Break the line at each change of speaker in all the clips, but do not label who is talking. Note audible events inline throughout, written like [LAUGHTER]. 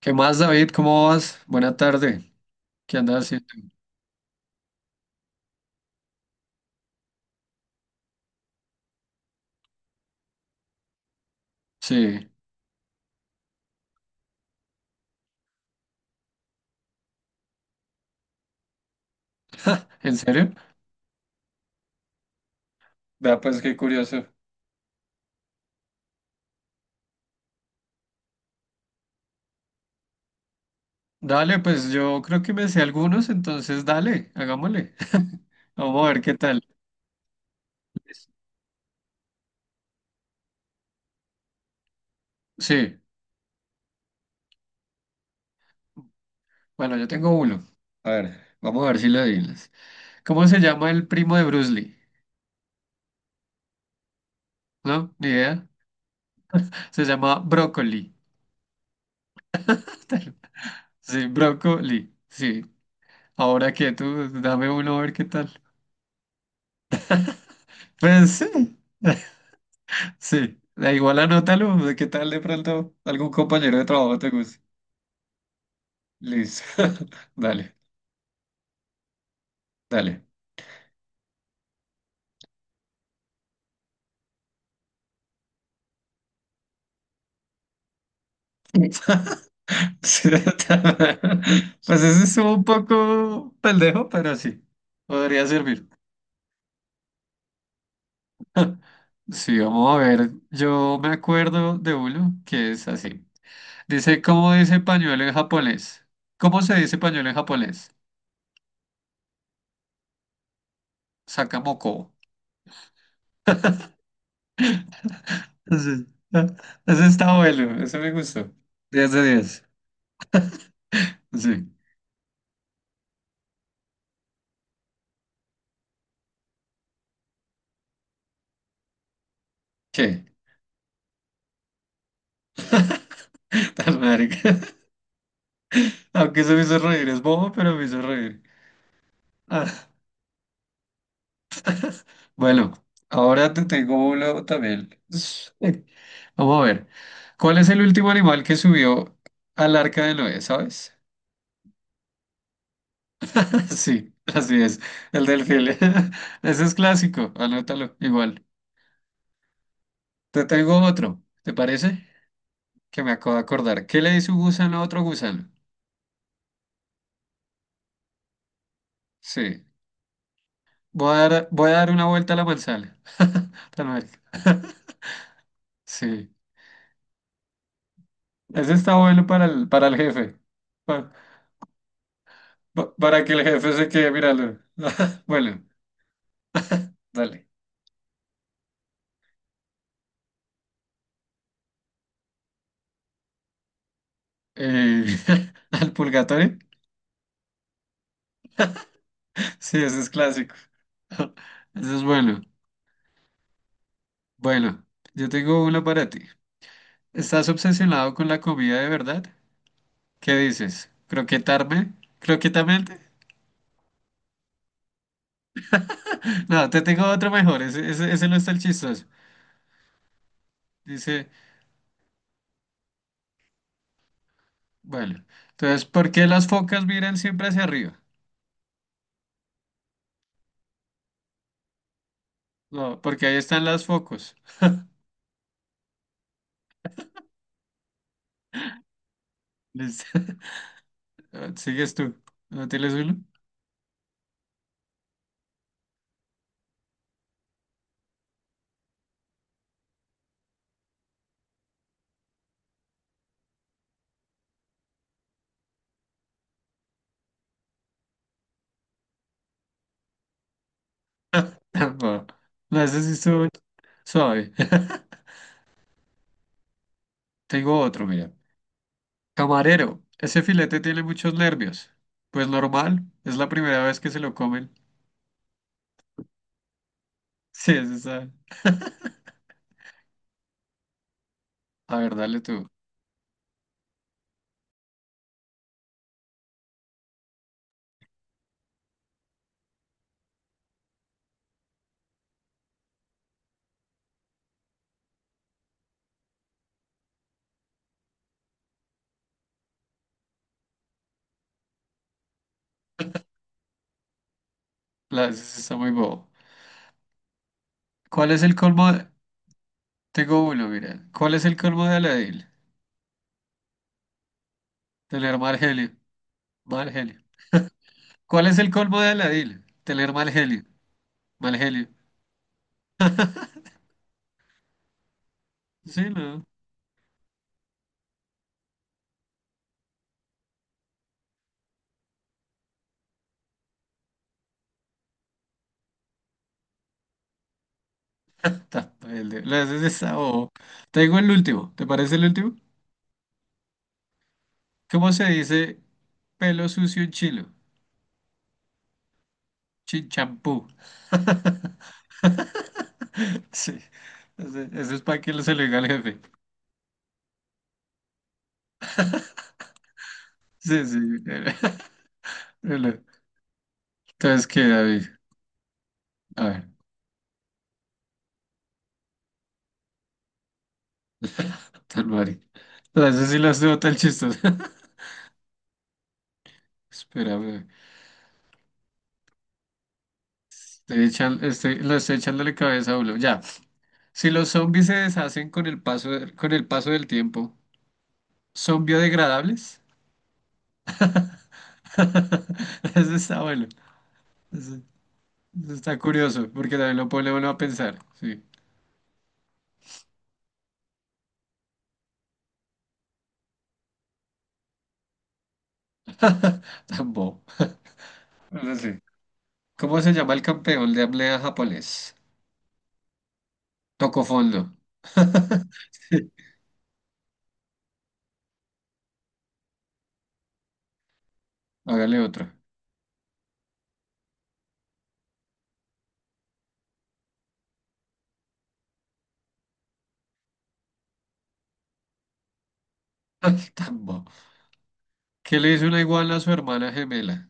¿Qué más, David? ¿Cómo vas? Buena tarde. ¿Qué andas haciendo? Sí. [LAUGHS] ¿En serio? Vea, pues qué curioso. Dale, pues yo creo que me sé algunos, entonces dale, hagámosle. [LAUGHS] Vamos a ver qué tal. Sí. Bueno, yo tengo uno. A ver, vamos a ver si lo adivinas. ¿Cómo se llama el primo de Bruce Lee? ¿No? Ni idea. Se llama Brócoli. [LAUGHS] Sí, Brócoli. Sí. Ahora que tú, dame uno a ver qué tal. Pues sí. [LAUGHS] Sí, da igual, anótalo, de qué tal de pronto algún compañero de trabajo te guste. Listo. [LAUGHS] Dale, dale. [LAUGHS] Sí, [LAUGHS] pues ese estuvo un poco pendejo, pero sí, podría servir. [LAUGHS] Sí, vamos a ver. Yo me acuerdo de uno que es así. Dice, ¿cómo dice pañuelo en japonés? ¿Cómo se dice pañuelo en japonés? Sakamoko. Sí. [LAUGHS] Ah, ese está bueno, ese me gustó. 10 de 10. Sí. ¿Qué? Tan verga. [LAUGHS] Aunque eso me hizo reír, es bobo, pero me hizo reír. Ah, bueno, ahora te tengo uno también. [LAUGHS] Vamos a ver. ¿Cuál es el último animal que subió al arca de Noé, sabes? [LAUGHS] Sí, así es, el delfín. [LAUGHS] Ese es clásico, anótalo, igual. Te tengo otro, ¿te parece? Que me acabo de acordar. ¿Qué le dice un gusano a otro gusano? Sí, voy a dar una vuelta a la manzana. [LAUGHS] Tan verga. [LAUGHS] Sí. Ese está bueno para el jefe. Pa- Para, que el jefe se quede, míralo. [LAUGHS] Bueno, dale. Eh, [LAUGHS] ¿al purgatorio? Sí, ese es clásico. [LAUGHS] Ese es bueno. Bueno, yo tengo uno para ti. ¿Estás obsesionado con la comida de verdad? ¿Qué dices? ¿Croquetarme? ¿Croquetamente? [LAUGHS] No, te tengo otro mejor. Ese no está el chistoso. Dice, bueno, entonces, ¿por qué las focas miran siempre hacia arriba? No, porque ahí están las focos. [LAUGHS] Ah, ¿sigues tú? ¿No tienes uno? [LAUGHS] No, no, ese sí estuvo suave. [LAUGHS] Tengo otro, mira. Camarero, ese filete tiene muchos nervios. Pues normal, es la primera vez que se lo comen. [LAUGHS] Sí, ese está. A ver, dale tú. La, ese sí está muy bobo. ¿Cuál es el colmo de- Tengo uno, mira. ¿Cuál es el colmo de Aladil? Tener mal genio. Mal genio. ¿Cuál es el colmo de Aladil? Tener mal genio. Mal genio. Sí, no. Está, el de- la, ese sí está bobo. Tengo el último. ¿Te parece el último? ¿Cómo se dice pelo sucio en chilo? Chinchampú. [LAUGHS] Sí, eso es para que lo, se lo diga al jefe. Sí, sí. [LAUGHS] Bueno, entonces, ¿qué, David? A ver, tal Mari. Entonces, sí las veo tan chistosas. [LAUGHS] Espérame, la estoy echándole cabeza a uno. Ya, si los zombies se deshacen con el paso, con el paso del tiempo, ¿son biodegradables? [LAUGHS] Eso está bueno. Está curioso, porque también lo pone uno a pensar. Sí. [LAUGHS] Tan bobo. Ahora sí. ¿Cómo se llama el campeón de apnea japonés? Tocó fondo. [LAUGHS] Sí. Hágale otro. Ay, tan bobo. ¿Qué le dice una iguana a su hermana gemela?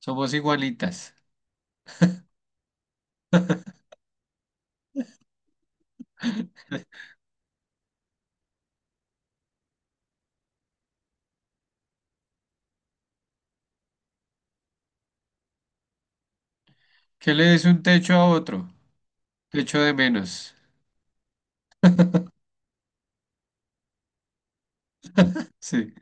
Somos igualitas. ¿Qué le dice un techo a otro? Techo de menos. Sí.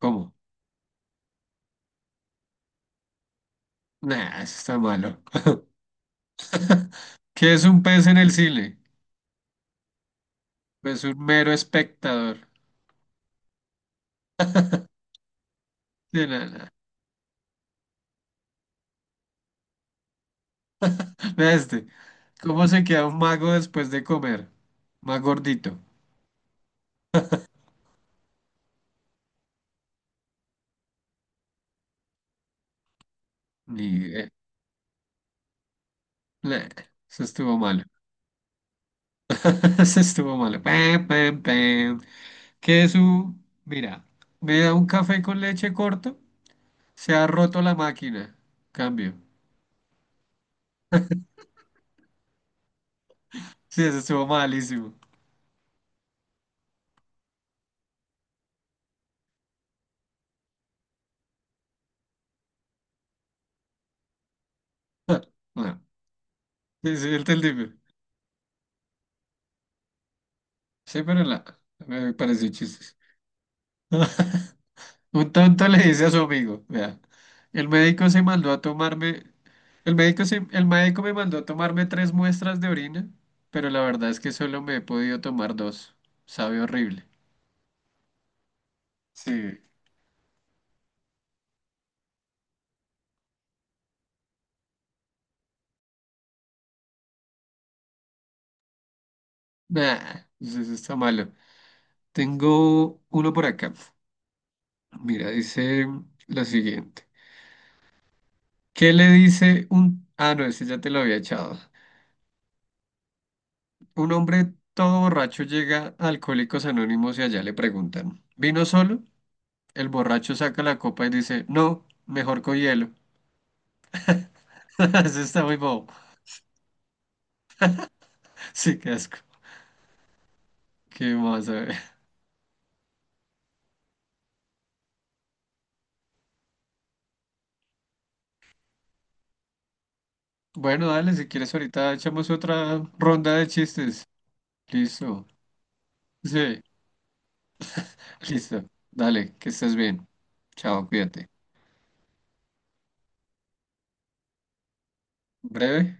¿Cómo? Nah, eso está malo. [LAUGHS] ¿Qué es un pez en el cine? Pues un mero espectador. Sí, no, no. Vea este. ¿Cómo se queda un mago después de comer? Más gordito. Ni idea. Bleh, eso estuvo malo. [LAUGHS] Eso estuvo malo. Pam, pam, pam. Mira, me da un café con leche corto. Se ha roto la máquina. Cambio. Sí, eso estuvo malísimo. [LAUGHS] No. Sí, sí, entendible. Sí, me pareció chistes. [LAUGHS] Un tonto le dice a su amigo, vea, el médico se mandó a tomarme El médico, me mandó a tomarme tres muestras de orina, pero la verdad es que solo me he podido tomar dos. Sabe horrible. Sí. Nah, pues eso sí está malo. Tengo uno por acá. Mira, dice lo siguiente. ¿Qué le dice un... Ah, no, ese ya te lo había echado. Un hombre todo borracho llega a Alcohólicos Anónimos y allá le preguntan, ¿vino solo? El borracho saca la copa y dice, no, mejor con hielo. [LAUGHS] Eso está muy bobo. Sí, qué asco. ¿Qué más? A ver. Bueno, dale, si quieres ahorita echamos otra ronda de chistes. Listo. Sí, listo. Dale, que estés bien. Chao, cuídate. Breve.